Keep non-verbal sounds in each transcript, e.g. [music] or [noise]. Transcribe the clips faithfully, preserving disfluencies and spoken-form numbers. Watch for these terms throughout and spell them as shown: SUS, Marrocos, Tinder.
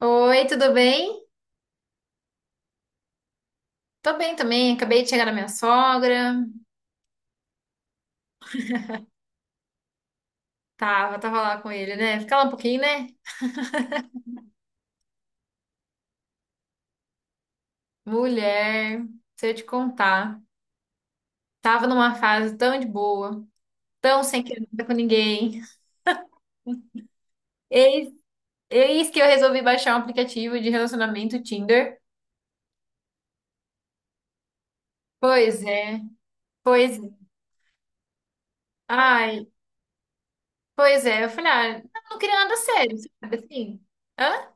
Oi, tudo bem? Tô bem também, acabei de chegar da minha sogra. Tava, tava lá com ele, né? Fica lá um pouquinho, né? Mulher, se eu te contar, tava numa fase tão de boa, tão sem querer nada com ninguém. Eis, eis que eu resolvi baixar um aplicativo de relacionamento Tinder. Pois é, pois é. Ai, pois é. Eu falei, ah, eu não queria nada sério, sabe assim? Hã?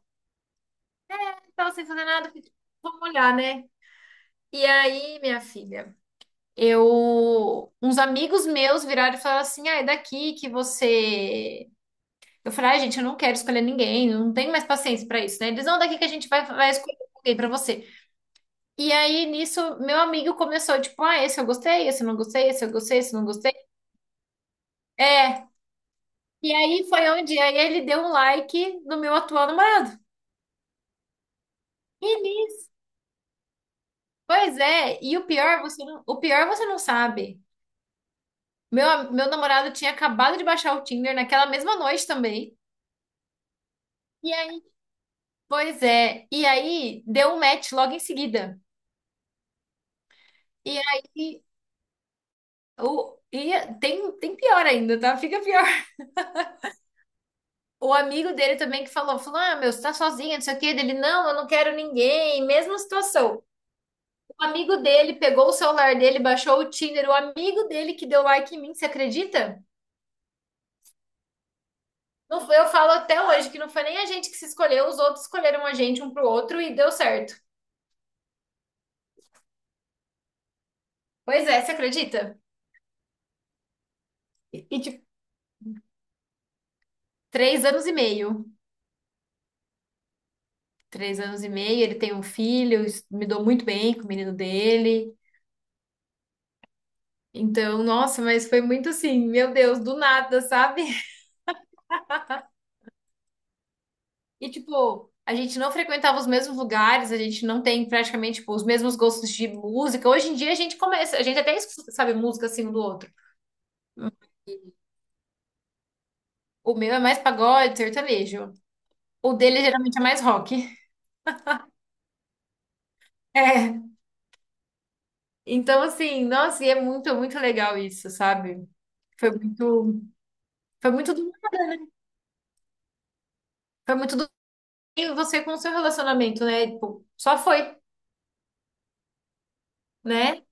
Eu tava sem fazer nada, eu falei, vamos olhar, né? E aí, minha filha? Eu, uns amigos meus viraram e falaram assim: ah, é daqui que você. Eu falei: ai, gente, eu não quero escolher ninguém, não tenho mais paciência pra isso, né? Eles não, daqui que a gente vai, vai escolher alguém pra você. E aí nisso, meu amigo começou: tipo, ah, esse eu gostei, esse eu não gostei, esse eu gostei, esse eu não gostei. É. E aí foi onde aí ele deu um like no meu atual namorado. E nisso, pois é. E o pior, você não, o pior você não sabe. Meu, meu namorado tinha acabado de baixar o Tinder naquela mesma noite também. E aí pois é, e aí deu um match logo em seguida. E aí o, e tem, tem pior ainda, tá? Fica pior. [laughs] O amigo dele também que falou, falou: "Ah, meu, você tá sozinha, não sei o quê". Ele: "Não, eu não quero ninguém". Mesma situação. O amigo dele pegou o celular dele, baixou o Tinder, o amigo dele que deu like em mim, você acredita? Não foi, eu falo até hoje que não foi nem a gente que se escolheu, os outros escolheram a gente um pro outro e deu certo. Pois é, você acredita? E, e tipo, três anos e meio. três anos e meio, ele tem um filho, es- me dou muito bem com o menino dele. Então, nossa, mas foi muito assim, meu Deus, do nada, sabe? [laughs] E tipo, a gente não frequentava os mesmos lugares, a gente não tem praticamente tipo, os mesmos gostos de música. Hoje em dia a gente começa, a gente até escuta, sabe música assim um do outro. O meu é mais pagode, sertanejo. O dele geralmente é mais rock. [laughs] É. Então, assim, nossa, e é muito, muito legal isso, sabe? Foi muito, foi muito do foi muito do E você com o seu relacionamento, né? Tipo, só foi, né?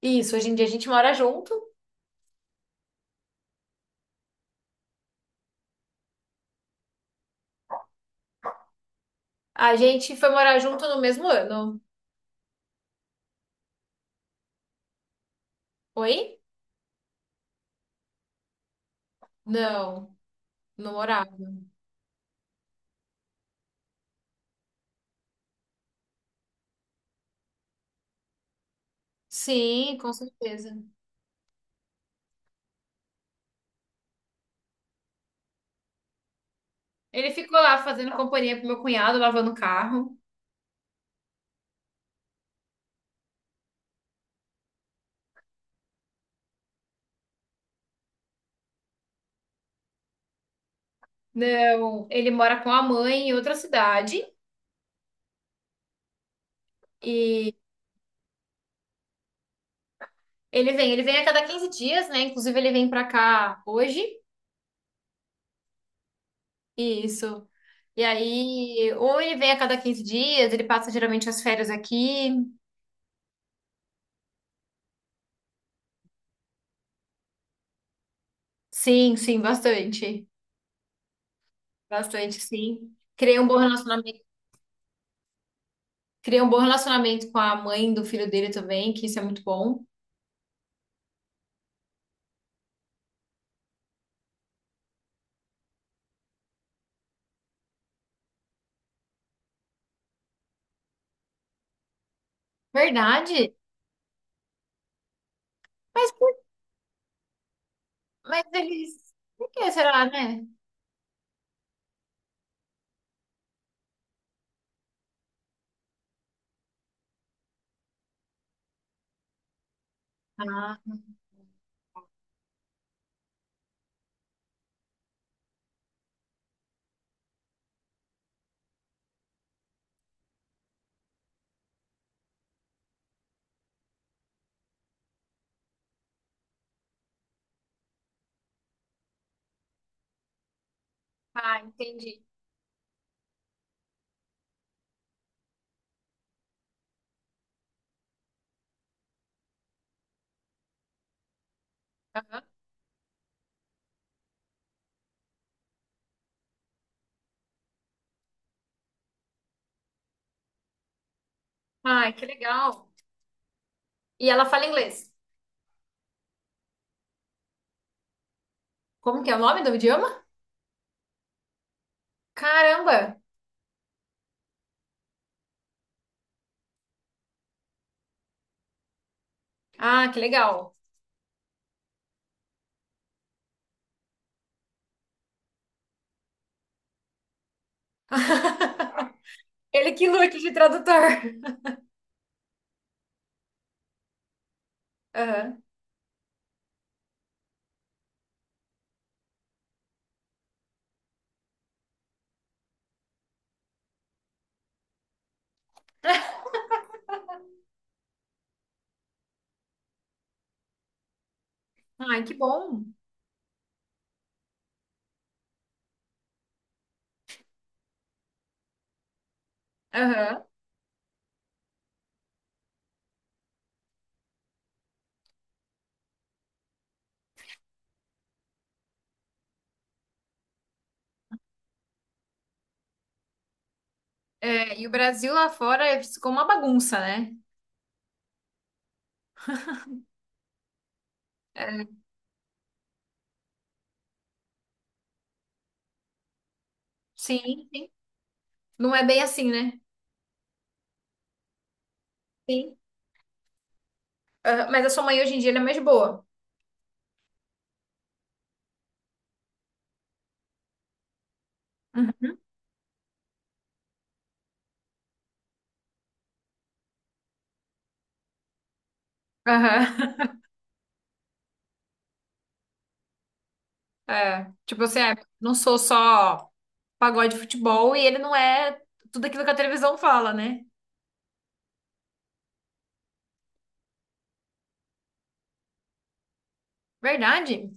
Isso, hoje em dia a gente mora junto. A gente foi morar junto no mesmo ano. Oi? Não, não morava. Sim, com certeza. Ele ficou lá fazendo companhia pro meu cunhado, lavando o carro. Não, ele mora com a mãe em outra cidade. E ele vem, ele vem a cada quinze dias, né? Inclusive, ele vem pra cá hoje. Isso. E aí, ou ele vem a cada quinze dias, ele passa geralmente as férias aqui. Sim, sim, bastante. Bastante, sim. Criei um bom relacionamento, criei um bom relacionamento com a mãe do filho dele também, que isso é muito bom. Verdade? Mas, por- mas eles. Por que será, né? Ah, ah, entendi. Aham. Ai, que legal. E ela fala inglês. Como que é o nome do idioma? Caramba! Ah, que legal. [laughs] Ele que lute de tradutor. Aham. Ai, que bom. Aham. É, e o Brasil lá fora ficou uma bagunça, né? É, sim. Não é bem assim, né? Sim. Aham, mas a sua mãe hoje em dia ela é mais boa. Uhum. Aham. [laughs] É. Tipo assim, é, não sou só pagode de futebol e ele não é tudo aquilo que a televisão fala, né? Verdade?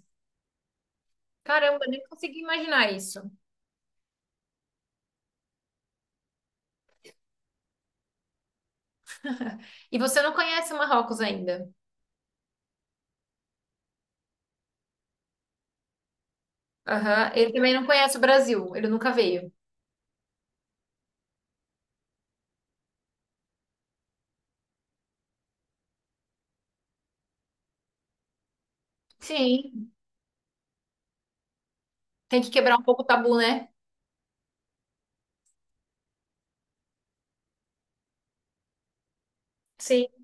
Caramba, nem consegui imaginar isso. [laughs] E você não conhece o Marrocos ainda. Aham. Ele também não conhece o Brasil, ele nunca veio. Sim, tem que quebrar um pouco o tabu, né? Sim.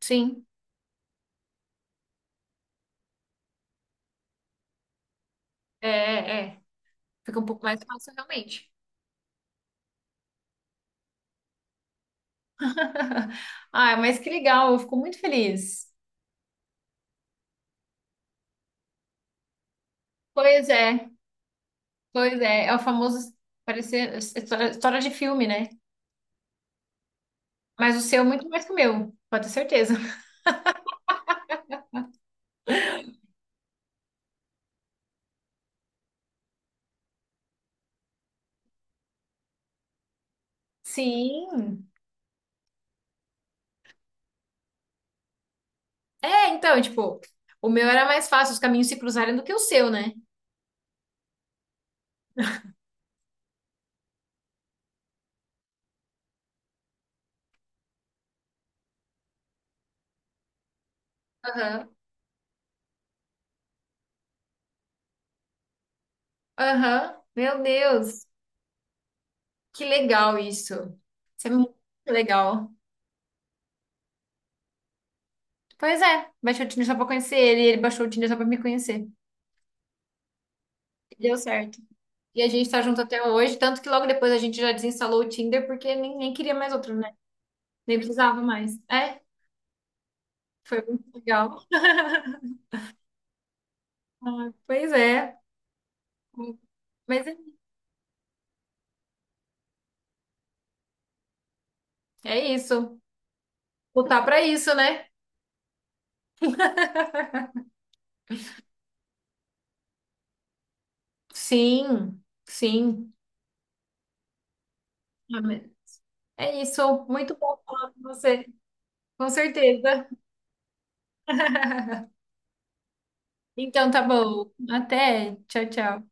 Sim. É, é. É. Fica um pouco mais fácil, realmente. [laughs] Ah, mas que legal, eu fico muito feliz. Pois é, pois é. É o famoso parecer história, história de filme, né? Mas o seu é muito mais que o meu, pode ter certeza. [laughs] Sim. É, então, tipo, o meu era mais fácil os caminhos se cruzarem do que o seu, né? Aham. Aham. Meu Deus, que legal isso. Isso é muito legal. Pois é, baixou o Tinder só pra conhecer ele, ele baixou o Tinder só pra me conhecer. Deu certo. E a gente tá junto até hoje, tanto que logo depois a gente já desinstalou o Tinder porque nem, nem queria mais outro, né? Nem precisava mais. É? Foi muito legal. [laughs] Ah, pois é. Mas é é isso. Lutar para isso, né? [laughs] Sim, sim. Amém. É isso. Muito bom falar com você. Com certeza. [laughs] Então tá bom. Até. Tchau, tchau.